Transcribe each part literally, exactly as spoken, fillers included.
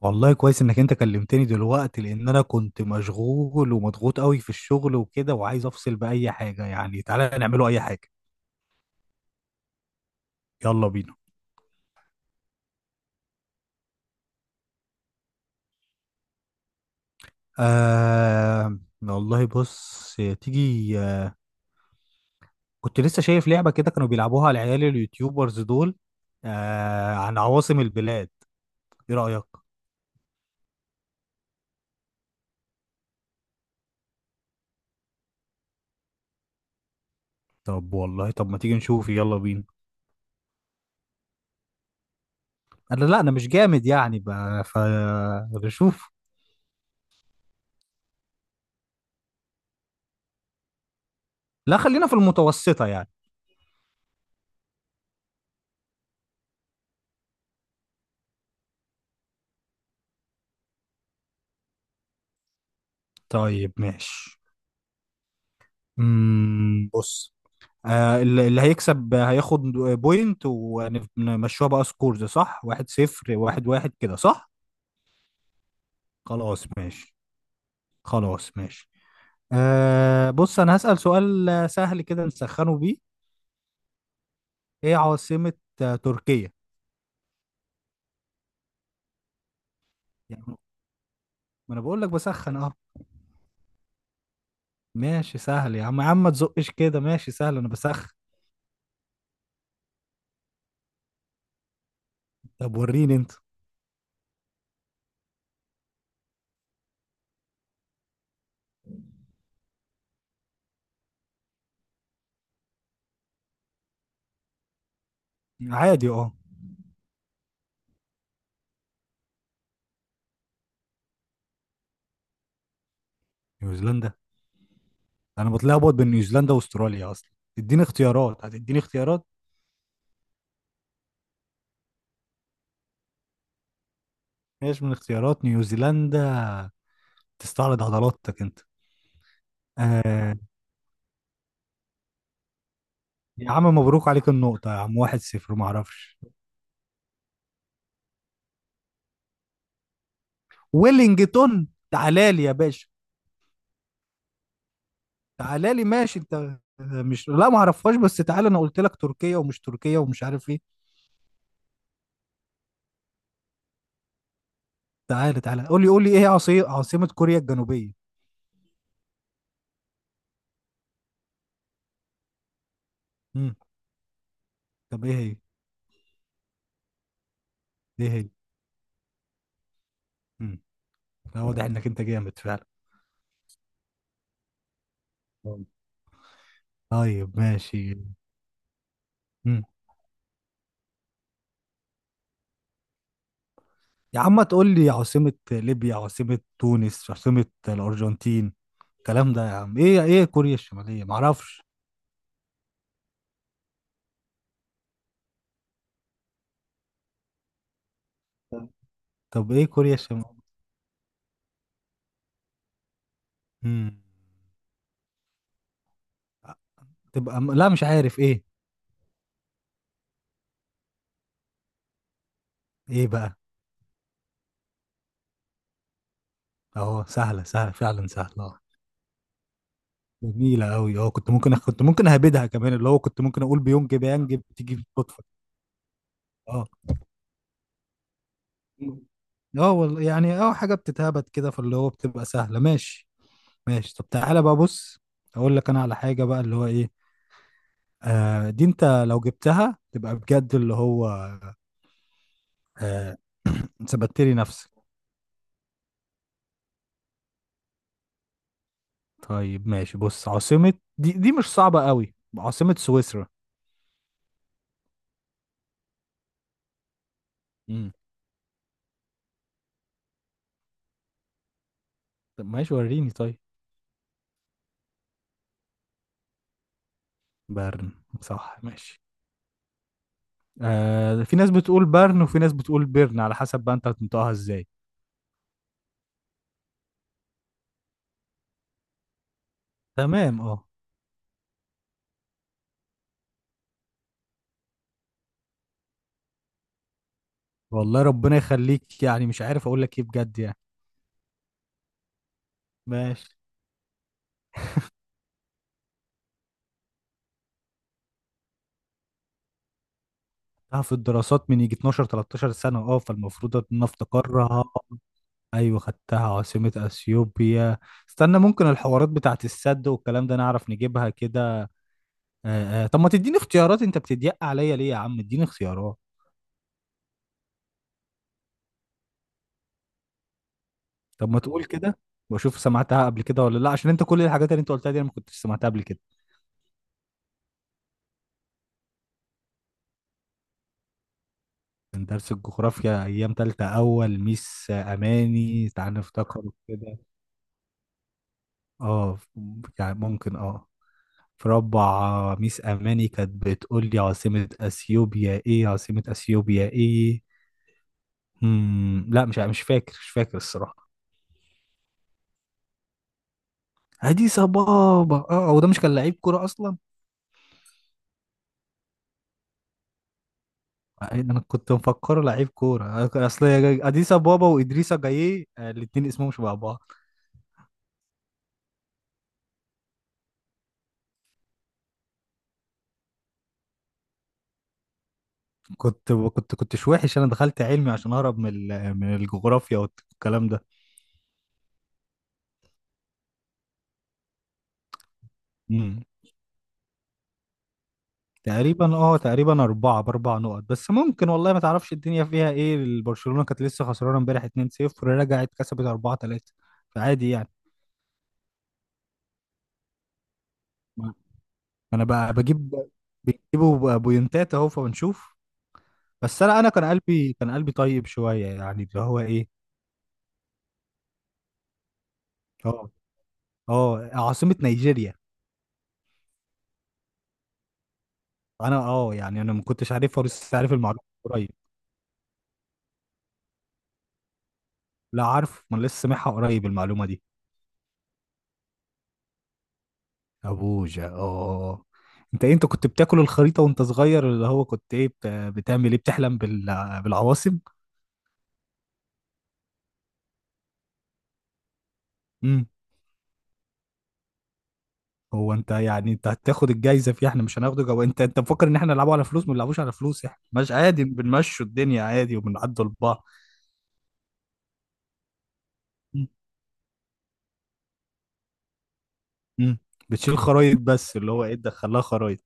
والله كويس انك انت كلمتني دلوقتي لان انا كنت مشغول ومضغوط قوي في الشغل وكده، وعايز افصل باي حاجه يعني. تعالى نعمله اي حاجه. يلا بينا. آه والله بص، تيجي. آه، كنت لسه شايف لعبه كده كانوا بيلعبوها العيال اليوتيوبرز دول، آه عن عواصم البلاد. ايه رايك؟ طب والله، طب ما تيجي نشوف، يلا بينا. انا لا، انا مش جامد يعني بقى، فنشوف. لا خلينا في المتوسطه يعني. طيب ماشي. امم بص، آه، اللي اللي هيكسب هياخد بوينت، ونمشوها بقى سكورز، صح؟ واحد صفر، واحد واحد كده، صح. خلاص ماشي. خلاص ماشي. آه بص، انا هسأل سؤال سهل كده نسخنه بيه. ايه عاصمة آه، تركيا؟ يعني ما انا بقول لك بسخن، اه. ماشي سهل يا عم، يا عم ما تزقش كده، ماشي سهل، انا بسخن. طب وريني انت. عادي اه. نيوزيلندا، انا بتلخبط بين نيوزيلندا واستراليا اصلا. اديني اختيارات، هتديني اختيارات؟ ماشي من اختيارات نيوزيلندا، تستعرض عضلاتك انت. آه. يا عم مبروك عليك النقطة يا عم، واحد صفر، ما اعرفش. ويلينجتون، تعالى لي يا باشا. تعالى لي ماشي، انت مش، لا ما اعرفهاش، بس تعالى، انا قلت لك تركيا ومش تركيا ومش عارف ايه. تعالى تعالى، قول لي قول لي، ايه هي عاصي... عاصمة كوريا الجنوبية؟ امم طب ايه هي؟ ايه هي؟ امم لا، واضح انك انت جامد فعلا. طيب ماشي. مم. يا عم تقول لي عاصمة ليبيا، عاصمة تونس، عاصمة الأرجنتين، الكلام ده يا عم، ايه؟ ايه كوريا الشمالية، معرفش. طب ايه كوريا الشمالية؟ امم تبقى م... لا مش عارف ايه. ايه بقى؟ اهو، سهلة سهلة فعلا، سهلة اه. جميلة قوي اه، كنت ممكن أخ... كنت ممكن اهبدها كمان، اللي هو كنت ممكن اقول بيونج بيانج، بتيجي بالصدفة. اه. اه والله يعني، اه حاجة بتتهبد كده، فاللي هو بتبقى سهلة، ماشي. ماشي طب، تعالى بقى بص، اقول لك انا على حاجة بقى، اللي هو ايه. آه دي انت لو جبتها تبقى بجد، اللي هو. آه. ثبتت لي نفسك. طيب ماشي بص، عاصمة، دي دي مش صعبة قوي، عاصمة سويسرا. امم طب ماشي وريني طيب. برن، صح ماشي. آه، في ناس بتقول برن وفي ناس بتقول بيرن، على حسب بقى انت هتنطقها ازاي. تمام اه. والله ربنا يخليك، يعني مش عارف اقول لك ايه بجد يعني. ماشي. خدتها في الدراسات من يجي اتناشر تلتاشر سنة، اه، فالمفروض ان أنا افتكرها. ايوه خدتها، عاصمة اثيوبيا، استنى، ممكن الحوارات بتاعت السد والكلام ده نعرف نجيبها كده. آه آه. طب ما تديني اختيارات، انت بتضيق عليا ليه يا عم، اديني اختيارات. طب ما تقول كده، واشوف سمعتها قبل كده ولا لا، عشان انت كل الحاجات اللي انت قلتها دي انا ما كنتش سمعتها قبل كده. كان درس الجغرافيا ايام تالتة، اول ميس اماني، تعال نفتكر كده، اه. يعني ممكن اه، في رابعة، ميس اماني كانت بتقول لي عاصمة اثيوبيا ايه، عاصمة اثيوبيا ايه. امم لا، مش مش فاكر، مش فاكر الصراحة. ادي صبابة، اه، وده مش كان لعيب كورة اصلا؟ إيه، انا كنت مفكره لعيب كوره. أنا كان- اصل يا- اديسا بابا وادريسا جايه، الاتنين اسمهم شبه بعض. كنت كنت كنتش وحش، انا دخلت علمي عشان اهرب من ال- من الجغرافيا والكلام ده. امم. تقريبا اه، تقريبا اربعه باربع نقط، بس ممكن، والله ما تعرفش الدنيا فيها ايه، برشلونه كانت لسه خسرانه امبارح اتنين صفر، رجعت كسبت اربعة تلاتة، فعادي يعني. انا بقى بجيب، بيجيبوا بوينتات اهو، فبنشوف. بس انا، انا كان قلبي كان قلبي طيب شويه يعني، اللي هو ايه. اه. اه عاصمة نيجيريا. انا اه يعني، انا ما كنتش عارفها ولسه عارف المعلومة قريب. لا عارف، ما أنا لسه سامعها قريب المعلومة دي. ابوجا اه، آه. آه. انت إيه، انت كنت بتاكل الخريطة وانت صغير، اللي هو كنت ايه، بت- بتعمل ايه، بتحلم بال... بالعواصم. امم. هو انت يعني، انت هتاخد الجايزة فيها؟ احنا مش هناخده جو، انت انت مفكر ان احنا نلعبه على فلوس؟ ما نلعبوش على فلوس، احنا مش عادي بنمشوا الدنيا عادي وبنعدوا لبعض. أمم، أمم. بتشيل خرايط بس، اللي هو ايه، تدخلها خرايط.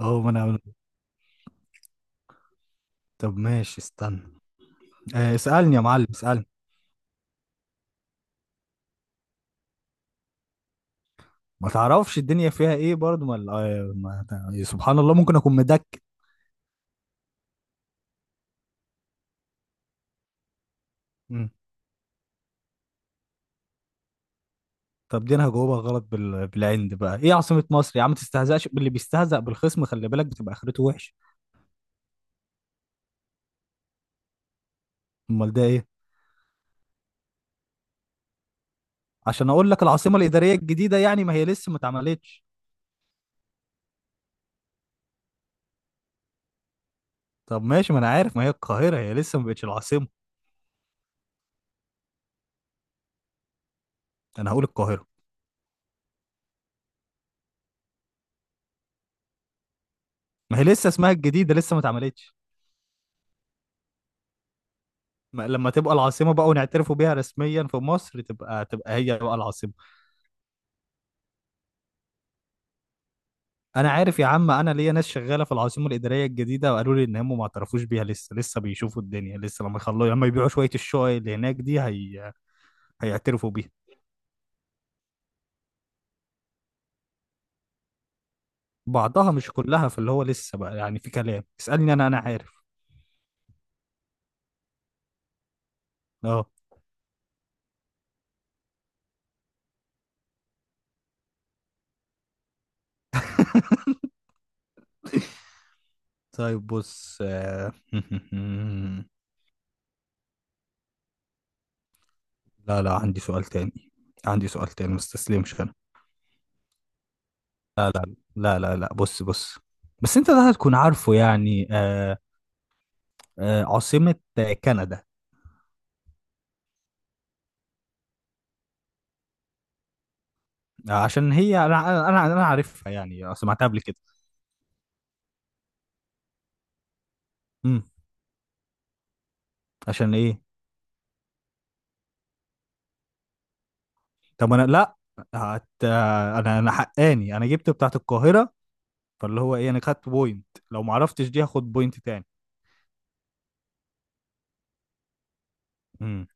اه ما انا، طب ماشي استنى. آه، اسألني يا معلم، اسألني. ما تعرفش الدنيا فيها ايه برضه، ما ال- آه، ما تع- سبحان الله، ممكن اكون مدك. مم. طب دي انا هجاوبها غلط بال... بالعند بقى. ايه عاصمة مصر يا عم، ما تستهزأش، اللي بيستهزأ بالخصم خلي بالك بتبقى اخرته وحش. امال ده ايه؟ عشان اقول لك العاصمة الإدارية الجديدة يعني، ما هي لسه ما اتعملتش. طب ماشي، ما انا عارف، ما هي القاهرة، هي لسه ما بقتش العاصمة. انا هقول القاهرة. ما هي لسه اسمها الجديدة، لسه ما اتعملتش. ما- لما تبقى العاصمة بقى ونعترفوا بيها رسميا في مصر، تبقى، تبقى هي بقى العاصمة. انا عارف يا عم، انا ليا ناس شغاله في العاصمه الاداريه الجديده وقالوا لي ان هم ما اعترفوش بيها لسه، لسه بيشوفوا الدنيا، لسه لما يخلوا، لما يبيعوا شويه الشقق اللي هناك دي، هي هيعترفوا بيها. بعضها مش كلها، فاللي هو لسه بقى يعني في كلام، اسالني، انا انا عارف. اه. طيب بص، آه، لا لا، عندي سؤال تاني، عندي سؤال تاني، ما استسلمش انا. لا لا لا، بص بص، بس انت ده هتكون عارفه يعني. آه. آه عاصمة آه، كندا. آه، عشان هي، انا انا انا عارفها يعني، سمعتها قبل كده. امم. عشان ايه؟ طب انا لا. هت... انا انا حقاني، انا جبت بتاعت القاهرة، فاللي هو ايه، انا خدت بوينت، لو ما عرفتش دي هاخد بوينت تاني. امم.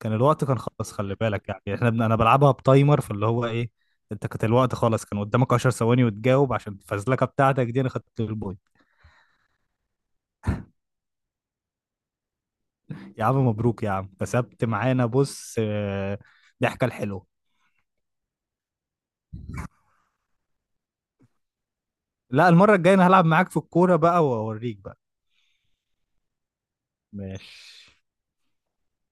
كان الوقت كان خلاص، خلي بالك يعني، احنا بن... انا بلعبها بتايمر، فاللي هو ايه، انت كانت الوقت خلاص كان قدامك عشر ثواني وتجاوب، عشان الفزلكه بتاعتك دي انا خدت البوينت. يا عم مبروك يا عم، كسبت معانا بص، آه، ضحكه الحلوه. لا، المره الجايه انا هلعب معاك في الكوره بقى واوريك بقى. ماشي.